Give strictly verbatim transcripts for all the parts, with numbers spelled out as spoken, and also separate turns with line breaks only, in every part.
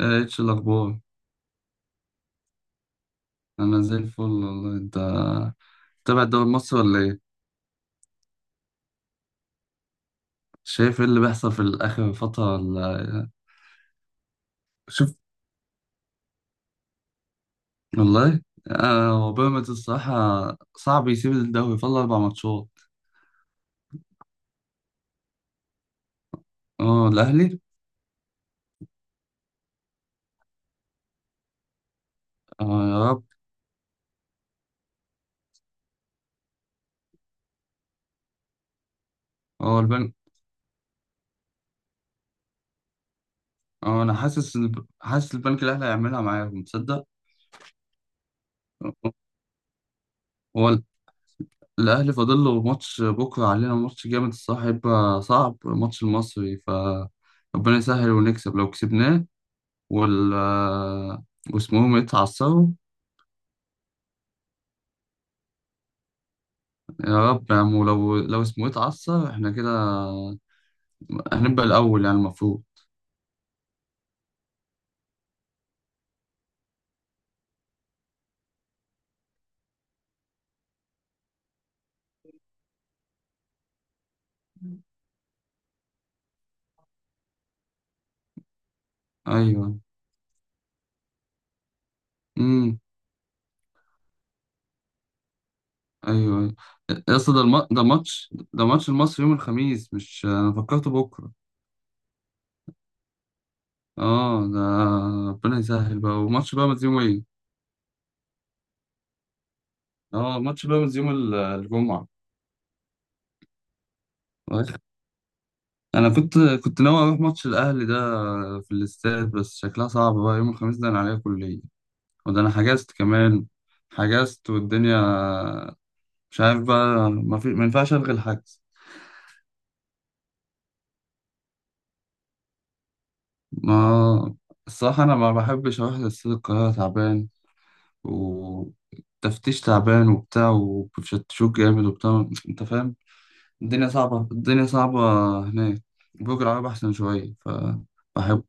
آه، ايش الاخبار؟ انا زي الفل والله. انت تابع الدوري المصري ولا ايه؟ شايف ايه اللي بيحصل في الاخر فتره ولا إيه؟ شوف والله. آه، هو بيراميدز الصراحه صعب يسيب الدوري، فاضل اربع ماتشات. اه الاهلي. اه يا رب. اه البنك. اه انا حاسس إن- حاسس البنك الاهلي هيعملها معاهم، تصدق. هو ال- الاهلي فاضل له ماتش بكره، علينا ماتش جامد الصراحه، هيبقى صعب ماتش المصري. ف ربنا يسهل ونكسب لو كسبناه، وال واسمهم يتعصبوا. يا رب يا عم، ولو لو اسمه يتعصب احنا كده هنبقى الأول يعني المفروض. أيوه. امم. أيوه أيوه. يا اسطى ده الم... ده ماتش، ده ماتش المصري يوم الخميس مش أنا فكرته بكرة. اه ده ربنا يسهل بقى. وماتش بيراميدز يوم ايه؟ اه ماتش بيراميدز يوم ال- الجمعة. أنا كنت كنت ناوي أروح ماتش الأهلي ده في الاستاد، بس شكلها صعب بقى يوم الخميس ده، أنا عليا كلية وده انا حجزت كمان. حجزت والدنيا مش عارف بقى، ما في ما ينفعش الغي الحجز. ما الصراحه انا ما بحبش اروح لسيد القاهره، تعبان وتفتيش تعبان وبتاع وبتشتشوك جامد وبتاع، انت فاهم. الدنيا صعبه، الدنيا صعبه هناك. برج العرب احسن شويه ف بحب.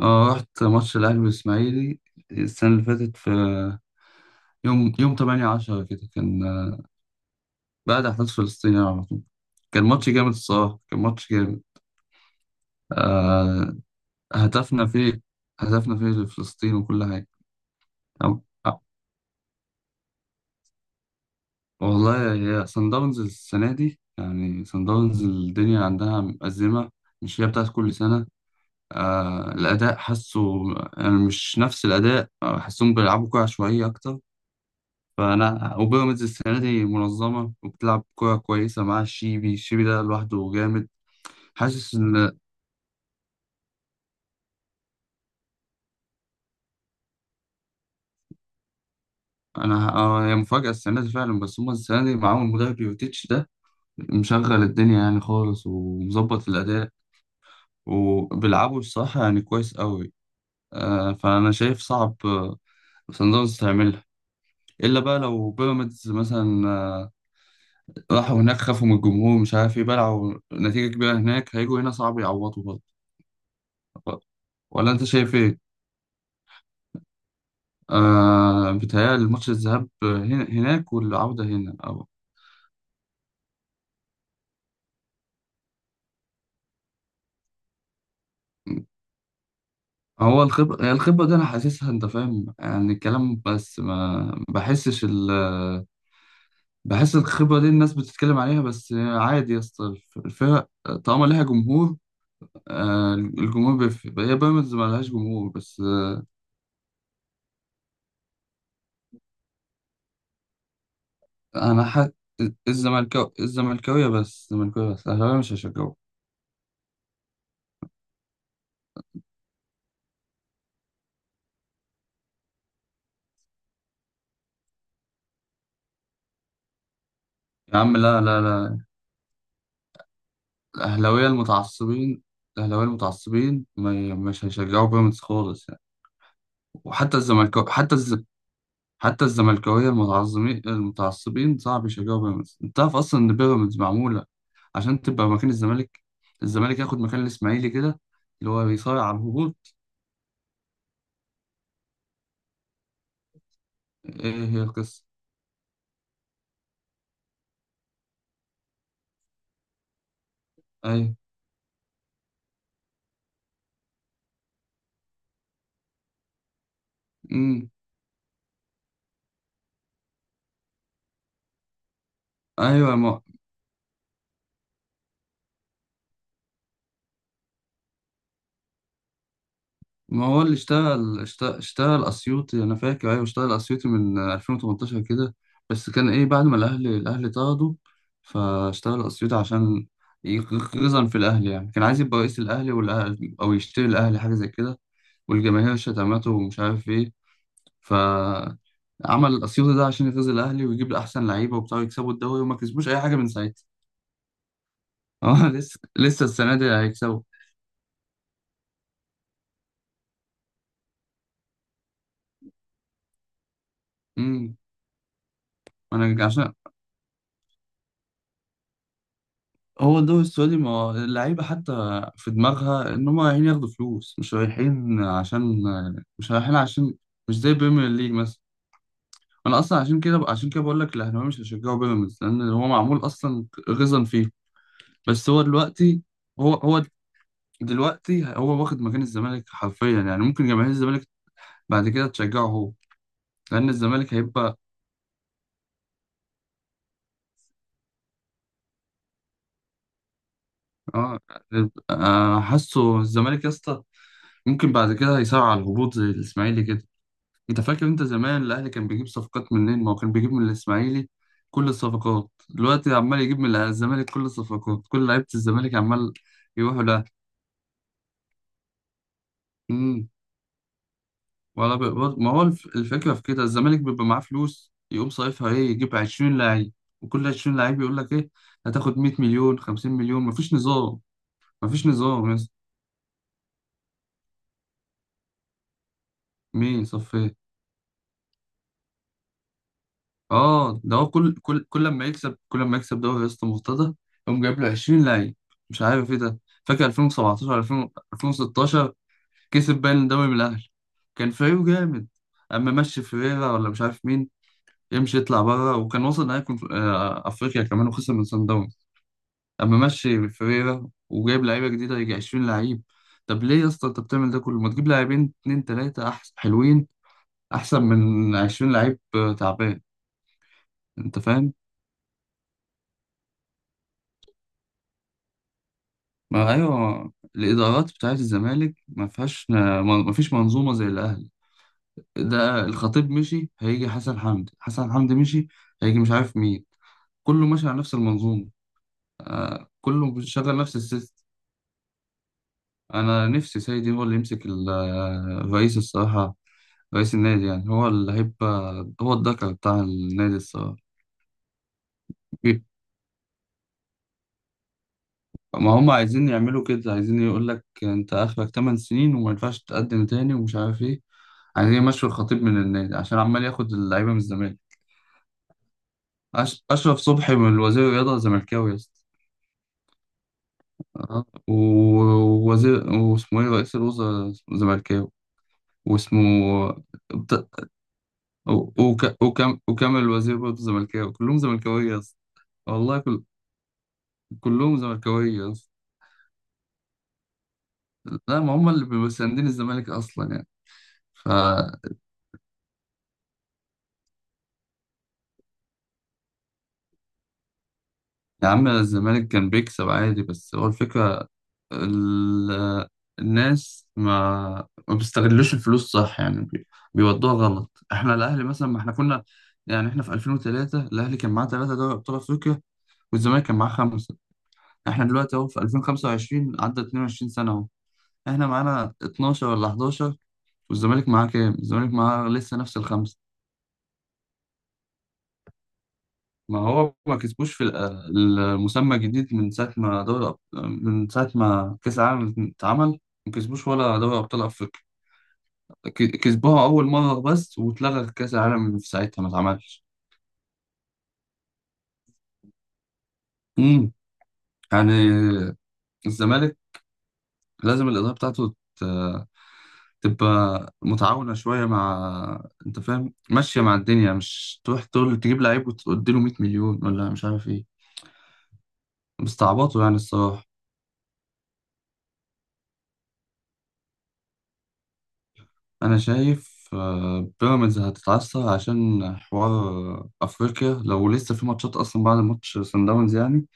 اه رحت ماتش الاهلي والاسماعيلي السنه اللي فاتت، في يوم يوم تمانية عشرة كده كان، بعد احداث فلسطين يعني على طول. كان ماتش جامد الصراحة، كان ماتش جامد. آه هدفنا فيه، هدفنا فيه لفلسطين وكل حاجة. أو- أه، والله هي صن داونز السنة دي يعني، صن داونز الدنيا عندها مأزمة، مش هي بتاعت كل سنة. آه الأداء حاسه يعني مش نفس الأداء، آه، حاسهم بيلعبوا كورة عشوائية أكتر. فأنا وبيراميدز السنة دي منظمة وبتلعب كورة كويسة، مع الشيبي، الشيبي ده لوحده جامد، حاسس. انا ه- آه، هي مفاجأة السنة دي فعلا، بس هما السنة دي معاهم المدرب يوتيتش ده مشغل الدنيا يعني خالص ومظبط في الأداء. وبيلعبوا الصراحة يعني كويس قوي. آه، فأنا شايف صعب آه، صن داونز تعملها، إلا بقى لو بيراميدز مثلا آه، راحوا هناك خافوا من الجمهور مش عارف إيه، بلعوا نتيجة كبيرة هناك، هيجوا هنا صعب يعوضوا. برضه ولا أنت شايف إيه؟ آه بيتهيألي الماتش الذهاب آه، هنا- هناك والعودة هنا أو. هو الخبرة، هي الخبرة دي أنا حاسسها، أنت فاهم يعني الكلام، بس ما بحسش ال بحس الخبرة دي الناس بتتكلم عليها بس عادي يا اسطى الف- الفرق طالما ليها جمهور. آه، الجمهور بيفرق، هي بيراميدز ما لهاش جمهور بس آه، أنا حق. الزملكاوية الزملكاوية بس الزملكاوية بس، الأهلاوية مش هشجعه. يا عم لا لا لا. الأهلاوية المتعصبين الأهلاوية المتعصبين ما- مش هيشجعوا بيراميدز خالص يعني. وحتى الزملكاوية حتى الزملكاوية، حتى الزملكاويه المتعصبين المتعصبين صعب يشجعوا بيراميدز. انت عارف اصلا ان بيراميدز معموله عشان تبقى مكان الزمالك، الزمالك ياخد مكان الاسماعيلي كده اللي هو بيصارع على الهبوط. ايه هي القصه؟ ايوه. امم. ايوه. ما هو اللي اشتغل اشتغل, اشتغل أسيوطي أنا فاكر، أيوة اشتغل أسيوطي من ألفين وتمنتاشر كده، بس كان إيه بعد ما الأهلي الأهلي طرده، فاشتغل أسيوطي عشان يغزن في الأهلي يعني، كان عايز يبقى رئيس الأهلي والأهلي أو يشتري الأهلي حاجة زي كده، والجماهير شتمته ومش عارف إيه. فعمل الأسيوطي ده عشان يغيظ الأهلي ويجيب أحسن لعيبة وبتاع يكسبوا الدوري، وما كسبوش أي حاجة من ساعتها. اه لسه، لسه السنة دي هيكسبوا. امم. أنا عشان هو الدوري السعودي ما هو اللعيبة حتى في دماغها إن هم رايحين ياخدوا فلوس، مش رايحين عشان، مش رايحين عشان، مش زي بريمير ليج مثلا. أنا أصلا عشان كده، عشان كده بقول لك الأهلاوية مش هيشجعوا بيراميدز، لأن هو معمول أصلا غيظا فيه. بس هو دلوقتي. هو هو دلوقتي هو واخد مكان الزمالك حرفيا يعني، ممكن جماهير الزمالك بعد كده تشجعه هو، لأن الزمالك هيبقى. آه. آه، حاسه الزمالك يا اسطى ممكن بعد كده هيسارع على الهبوط زي الإسماعيلي كده. انت فاكر انت زمان الاهلي كان بيجيب صفقات منين؟ ما هو كان بيجيب من الاسماعيلي. كل الصفقات دلوقتي عمال يجيب من الزمالك، كل الصفقات، كل لعيبه الزمالك عمال يروحوا له. امم. ولا بيقبض، ما هو الف- الفكره في كده، الزمالك بيبقى معاه فلوس يقوم صايفها ايه، يجيب عشرين لعيب، وكل عشرين لعيب يقول لك ايه، هتاخد مية مليون، خمسين مليون، مفيش نظام، مفيش نظام يا اسطى. مين صفي؟ اه ده هو كل كل كل لما يكسب، كل لما يكسب دوري يا اسطى مرتضى يقوم جايب له عشرين لعيب، مش عارف ايه ده. فاكر ألفين وسبعتاشر، ألفين، ألفين وستاشر كسب باين الدوري من الاهلي، كان فريقه جامد. اما مشي فيريرا ولا مش عارف مين يمشي يطلع بره، وكان وصل نهائي كونف- آه، افريقيا كمان، وخسر من صن داونز. اما مشي فيريرا وجايب لعيبه جديده، يجي عشرين لعيب. طب ليه يا اسطى انت بتعمل ده كله، ما تجيب لاعبين اتنين تلاته احسن حلوين، احسن من عشرين لعيب آه، تعبان. انت فاهم. ما ايوه الادارات بتاعت الزمالك ما فيهاش، ما فيش منظومه زي الاهلي. ده الخطيب مشي هيجي حسن حمدي، حسن حمدي مشي هيجي مش عارف مين، كله ماشي على نفس المنظومه، آه، كله بيشغل نفس السيستم. انا نفسي سيدي هو اللي يمسك ال- آه، الرئيس الصراحه، رئيس النادي يعني هو اللي هيبقى، هو الذكر بتاع النادي الصراحه. ما هم عايزين يعملوا كده، عايزين يقول لك انت اخرك ثمان سنين وما ينفعش تقدم تاني ومش عارف ايه، عايزين يمشوا الخطيب من النادي عشان عمال ياخد اللعيبه من الزمالك. أش... اشرف صبحي من وزير الرياضه زملكاوي يا اسطى. اه. ووزير واسمه ايه، رئيس الوزراء زملكاوي، واسمه. بت... و- وك... وكم... وكامل الوزير برضه زملكاوي، كلهم زملكاويه يا اسطى. والله كل... كلهم زملكاويه يا اسطى. لا ما هم اللي بيبقوا مساندين الزمالك اصلا يعني ف. يا عم الزمالك كان بيكسب عادي، بس هو الفكرة ال... الناس ما ما بيستغلوش الفلوس صح يعني، بي... بيودوها غلط. احنا الاهلي مثلا، ما احنا كنا يعني، احنا في ألفين وثلاثة الاهلي كان معاه ثلاثة دوري ابطال افريقيا، والزمالك كان معاه خمسة. احنا دلوقتي اهو في ألفين وخمسة وعشرين عدى اتنين وعشرين سنة اهو، احنا معانا اتناشر ولا حداشر، والزمالك معاه كام؟ الزمالك معاه لسه نفس الخمسة. ما هو ما كسبوش في الأ- المسمى الجديد، من ساعة ما دوري أب- من ساعة ما كأس العالم اتعمل ما كسبوش ولا دوري أبطال أفريقيا. ك- كسبوها أول مرة بس، واتلغى كأس العالم في ساعتها ما اتعملش. امم يعني الزمالك لازم الإدارة بتاعته ت- تبقى متعاونة شوية، مع، أنت فاهم، ماشية مع الدنيا، مش تروح تقول تجيب لعيب وتديله مئة مليون ولا مش عارف إيه، مستعبطه يعني الصراحة. أنا شايف آه، بيراميدز هتتعثر عشان حوار آه، أفريقيا، لو لسه في ماتشات أصلا بعد ماتش سان داونز يعني،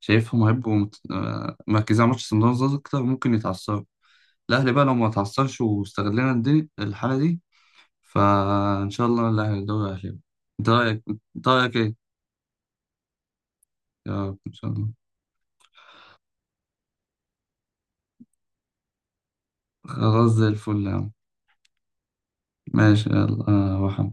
شايفهم هيبقوا مت- آه، مركزين على ماتش سان داونز أكتر، ممكن يتعثروا. الأهلي بقى لو ما اتعثرش واستغلنا الدنيا الحالة دي، فإن شاء الله الأهلي الدوري الأهلي. أنت رأيك أنت رأيك إيه؟ يا رب إن شاء الله. خلاص زي الفل يا عم. ماشي يلا آه، روح.